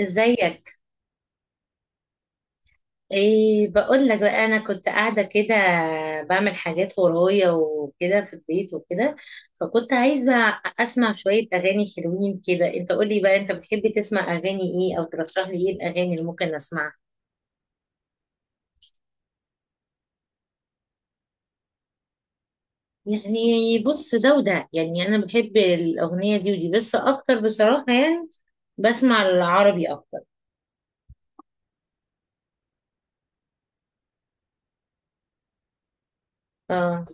ازيك؟ ايه، بقول لك بقى، انا كنت قاعده كده بعمل حاجات ورايا وكده في البيت وكده، فكنت عايزه اسمع شويه اغاني حلوين كده. انت قول لي بقى، انت بتحب تسمع اغاني ايه او ترشح لي ايه الاغاني اللي ممكن اسمعها؟ يعني بص، ده وده، يعني انا بحب الاغنيه دي ودي، بس اكتر بصراحه، يعني بسمع العربي اكتر. اه،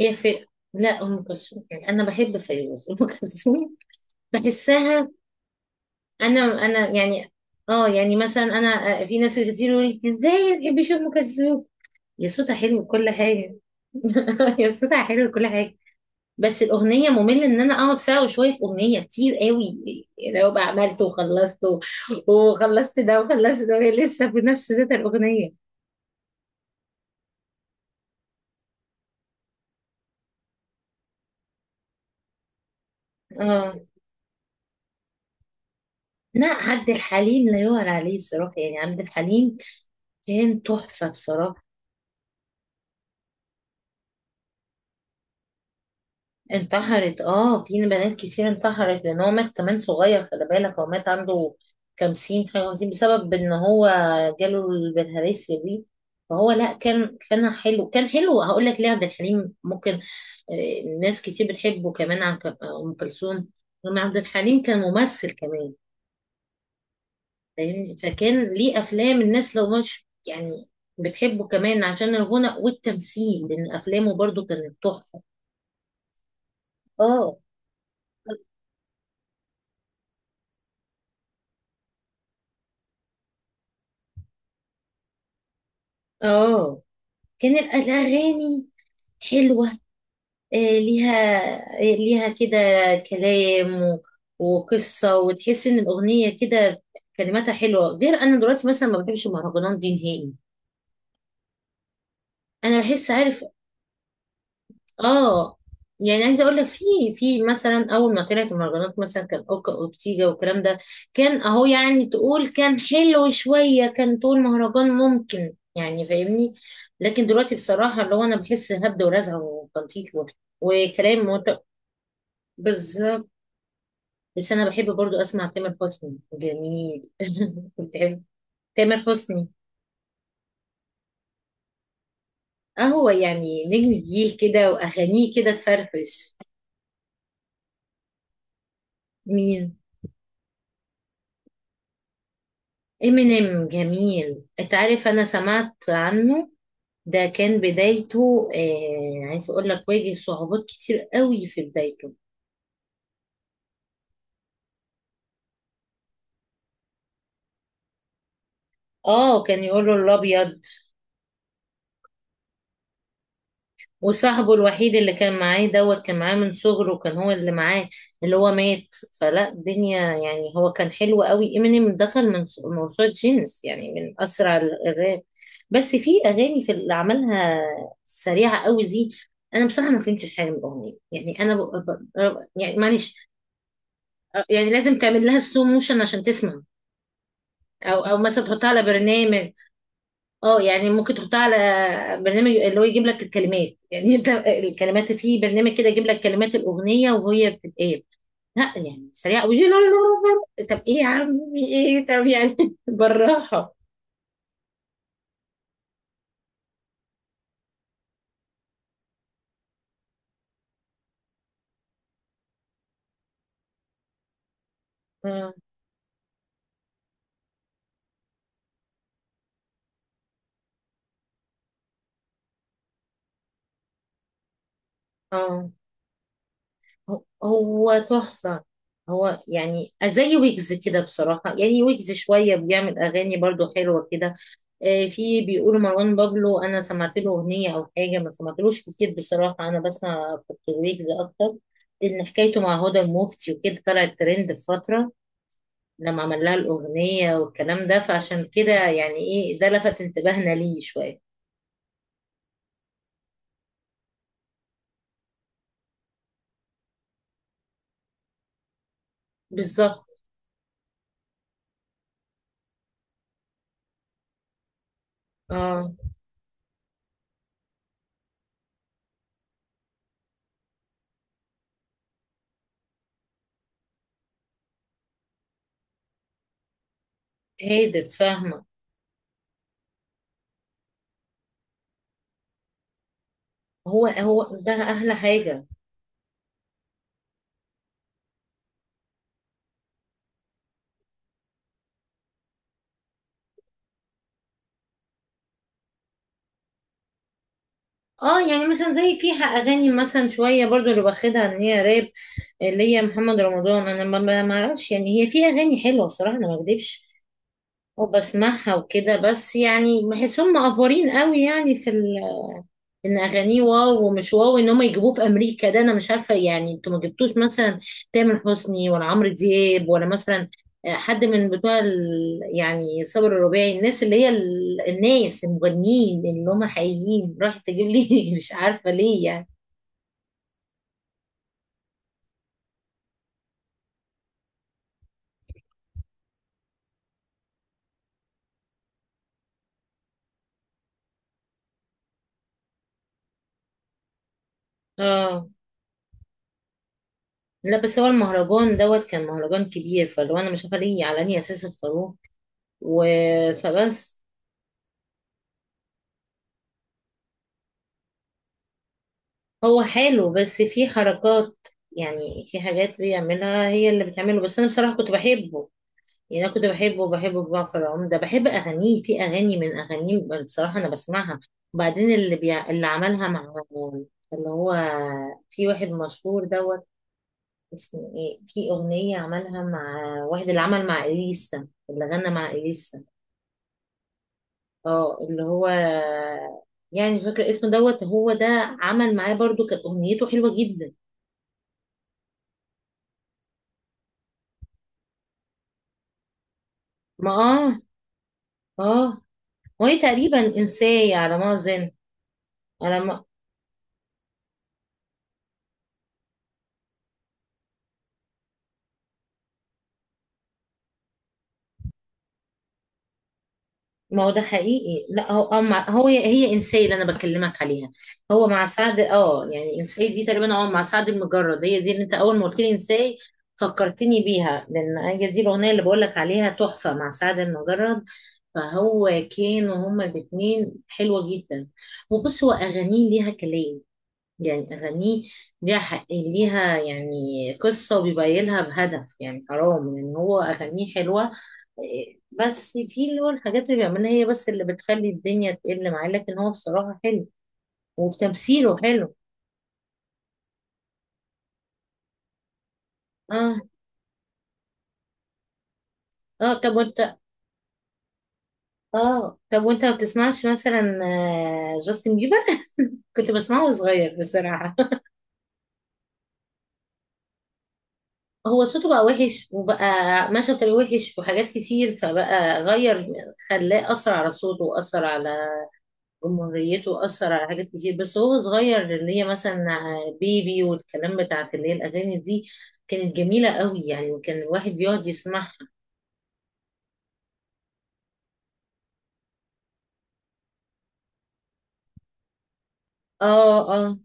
هي في... لا، ام كلثوم، يعني انا بحب فيروز. ام كلثوم بحسها، انا يعني... اه، يعني مثلا انا في ناس كتير يقول لي ازاي ما بتحبيش ام كلثوم، يا صوتها حلو كل حاجه. يا صوتها حلو كل حاجه، بس الاغنيه ممل ان انا اقعد ساعه وشويه في اغنيه كتير قوي. يعني لو بقى عملت وخلصت وخلصت ده وخلصت ده وهي لسه بنفس ذات الاغنيه. اه، لا، عبد الحليم لا يعلى عليه بصراحه، يعني عبد الحليم كان تحفه بصراحه. انتحرت، اه، في بنات كتير انتحرت لان هو مات كمان صغير. خلي بالك، هو مات عنده خمسين حاجة وخمسين بسبب ان هو جاله البلهارسيا دي. فهو لا، كان حلو، كان حلو. هقول لك ليه عبد الحليم ممكن ناس كتير بتحبه كمان عن ام كلثوم، لان عبد الحليم كان ممثل كمان. فاهمني، فكان ليه افلام. الناس لو مش يعني بتحبه كمان عشان الغنى والتمثيل، لان افلامه برضو كانت تحفة. اه، اه، كان الأغاني حلوة، ليها، ليها كده كلام وقصة، وتحس إن الأغنية كده كلماتها حلوة. غير أنا دلوقتي مثلا ما بحبش المهرجانات دي نهائي. أنا بحس... عارف؟ اه يعني، عايزه اقول لك في مثلا اول ما طلعت المهرجانات، مثلا كان اوكا واورتيجا والكلام ده، كان اهو، يعني تقول كان حلو شويه، كان تقول مهرجان ممكن، يعني فاهمني. لكن دلوقتي بصراحه اللي هو انا بحس هبد ورزع وتنطيط وكلام بالظبط. بس انا بحب برضو اسمع تامر حسني، جميل. بتحب تامر حسني؟ اهو يعني نجم الجيل كده، واغانيه كده تفرفش. مين؟ امينيم جميل، انت عارف، انا سمعت عنه. ده كان بدايته، آه عايز اقول لك، واجه صعوبات كتير قوي في بدايته. اه كان يقول له الابيض، وصاحبه الوحيد اللي كان معاه دوت كان معاه من صغره، كان هو اللي معاه اللي هو مات. فلا الدنيا، يعني هو كان حلو قوي. امينيم دخل من موسوعة جينيس، يعني من اسرع الراب. بس في اغاني، في اللي عملها سريعه قوي دي. انا بصراحه ما فهمتش حاجه من الاغنيه، يعني انا يعني معلش. يعني لازم تعمل لها سلو موشن عشان تسمع، او مثلا تحطها على برنامج. اه يعني ممكن تحطها على برنامج اللي هو يجيب لك الكلمات. يعني انت الكلمات في برنامج كده يجيب لك كلمات الاغنيه وهي بتتقال. لا، يعني سريع قوي، لا لا لا لا لا. طب ايه يا عمي، ايه طب، يعني بالراحه. اه، هو هو تحفة. هو يعني زي ويجز كده بصراحة، يعني ويجز شوية بيعمل أغاني برضو حلوة كده. في بيقولوا مروان بابلو، أنا سمعت له أغنية أو حاجة، ما سمعتلوش كتير بصراحة. أنا بسمع كنت ويجز أكتر، لأن حكايته مع هدى المفتي وكده طلعت ترند في فترة لما عمل لها الأغنية والكلام ده، فعشان كده يعني إيه ده لفت انتباهنا ليه شوية. بالظبط. اه هادف، فاهمة. هو هو ده أحلى حاجة. اه يعني مثلا زي فيها اغاني مثلا شويه برضو اللي واخدها ان هي راب، اللي هي محمد رمضان، انا ما اعرفش، يعني هي فيها اغاني حلوه بصراحه، انا ما اكدبش وبسمعها وكده. بس يعني بحسهم مقفورين قوي، يعني في ان اغانيه واو ومش واو، ان هم يجيبوه في امريكا، ده انا مش عارفه. يعني انتوا ما جبتوش مثلا تامر حسني، ولا عمرو دياب، ولا مثلا حد من بتوع يعني صابر الرباعي، الناس اللي هي الناس المغنيين اللي هم حقيقيين، راح تجيب لي مش عارفه ليه يعني. اه، لا، بس هو المهرجان دوت كان مهرجان كبير، فلو انا مش عارفه ليه على انهي اساس اختاروه و... فبس. هو حلو، بس في حركات، يعني في حاجات بيعملها هي اللي بتعمله، بس انا بصراحه كنت بحبه. يعني انا كنت بحبه بحبه. جعفر العمدة، بحب اغانيه، في اغاني من اغانيه بصراحة انا بسمعها. وبعدين اللي اللي عملها مع اللي هو في واحد مشهور دوت اسمه ايه، في اغنية عملها مع واحد اللي عمل مع اليسا، اللي غنى مع اليسا. اه، اللي هو يعني مش فاكرة اسمه دوت، هو ده عمل معاه برضو كانت اغنيته حلوة جدا. ما اه، اه، وهي تقريبا انساي على ما اظن. على ما... ما هو ده حقيقي. لا، هو هو هو هي انسيه اللي انا بكلمك عليها. هو مع سعد، اه يعني انسيه دي تقريبا هو مع سعد المجرد، هي دي اللي انت اول ما قلت لي انسيه فكرتني بيها، لان هي دي الاغنيه اللي بقول لك عليها تحفه مع سعد المجرد. فهو كانوا هما الاثنين حلوه جدا. وبص، هو اغانيه ليها كلام، يعني أغانيه ليها حق، ليها يعني قصة، وبيبين لها بهدف. يعني حرام، يعني هو أغانيه حلوة. إيه، بس في اللي هو الحاجات اللي بيعملها هي بس اللي بتخلي الدنيا تقل معاه، لكن هو بصراحة حلو وتمثيله حلو. اه، اه، طب وانت، اه طب وانت ما بتسمعش مثلا جاستن بيبر؟ كنت بسمعه وأنا صغير بصراحة. هو صوته بقى وحش، وبقى ماشي بطريقة وحش وحاجات كتير، فبقى غير. خلاه أثر على صوته، وأثر على جمهوريته، أثر على حاجات كتير. بس هو صغير اللي هي مثلا بيبي والكلام بتاعت اللي هي الأغاني دي، كانت جميلة قوي يعني، كان الواحد بيقعد يسمعها. اه، اه،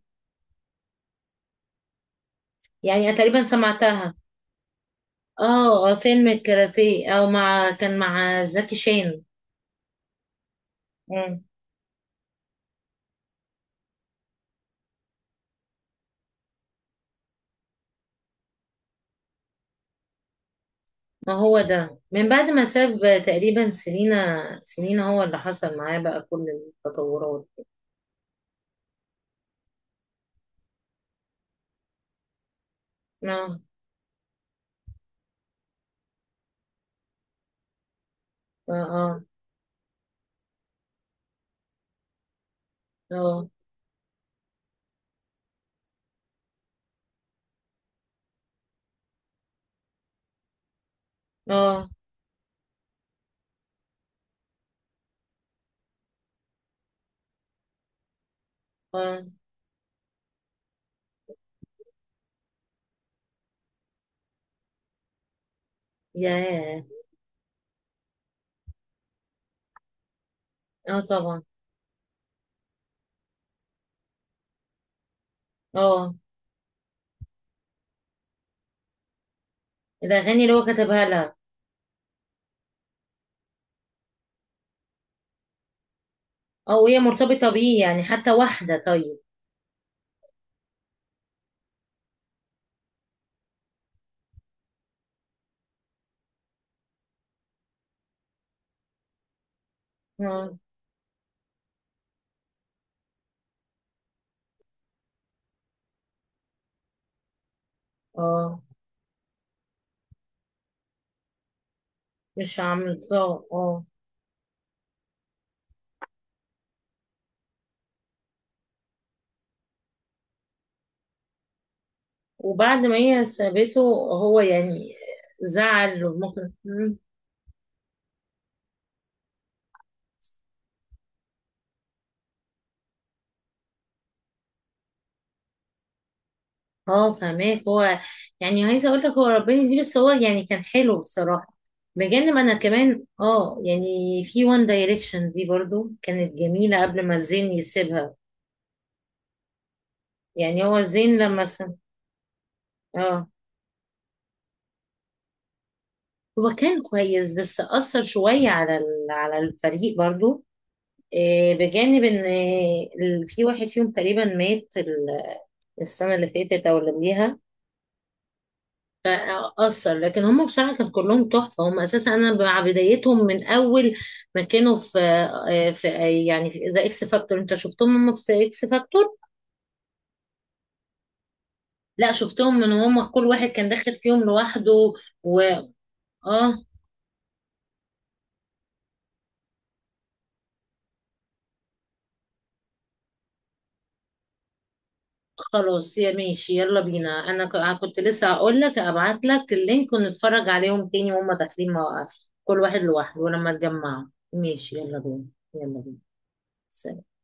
يعني أنا تقريبا سمعتها. اه، اه، فيلم الكاراتيه، او مع، كان مع زكي شان. مم. ما هو ده من بعد ما ساب، تقريبا سنينة. سنينة هو اللي حصل معاه بقى كل التطورات. اه، اه، اه، اه، اه، آه. ياه. اه طبعا. اه الأغاني اللي هو كتبها لها، أو هي مرتبطة بيه، يعني حتى واحدة طيب. اه. آه، مش عاملاه. اه، وبعد ما هي سابته هو يعني زعل، وممكن مم. اه، فهماك هو، يعني عايزة أقول لك هو ربنا دي، بس هو يعني كان حلو بصراحة، بجانب أنا كمان اه يعني في وان دايركشن دي برضو كانت جميلة قبل ما زين يسيبها. يعني هو زين لما اه، هو كان كويس، بس أثر شوية على على الفريق برضو. إيه، بجانب ان إيه، في واحد فيهم تقريبا مات السنة اللي فاتت او اللي قبليها. فأثر، لكن هم بصراحة كانوا كلهم تحفة. هم اساسا انا مع بدايتهم من اول ما كانوا في يعني في ذا اكس فاكتور. انت شفتهم هم في ذا اكس فاكتور. لا، شفتهم من هم كل واحد كان داخل فيهم لوحده، و اه خلاص. يا ماشي، يلا بينا، انا كنت لسه هقول لك ابعت لك اللينك ونتفرج عليهم تاني وهم داخلين مواقف كل واحد لوحده ولما اتجمعوا. ماشي، يلا بينا، يلا بينا. سلام.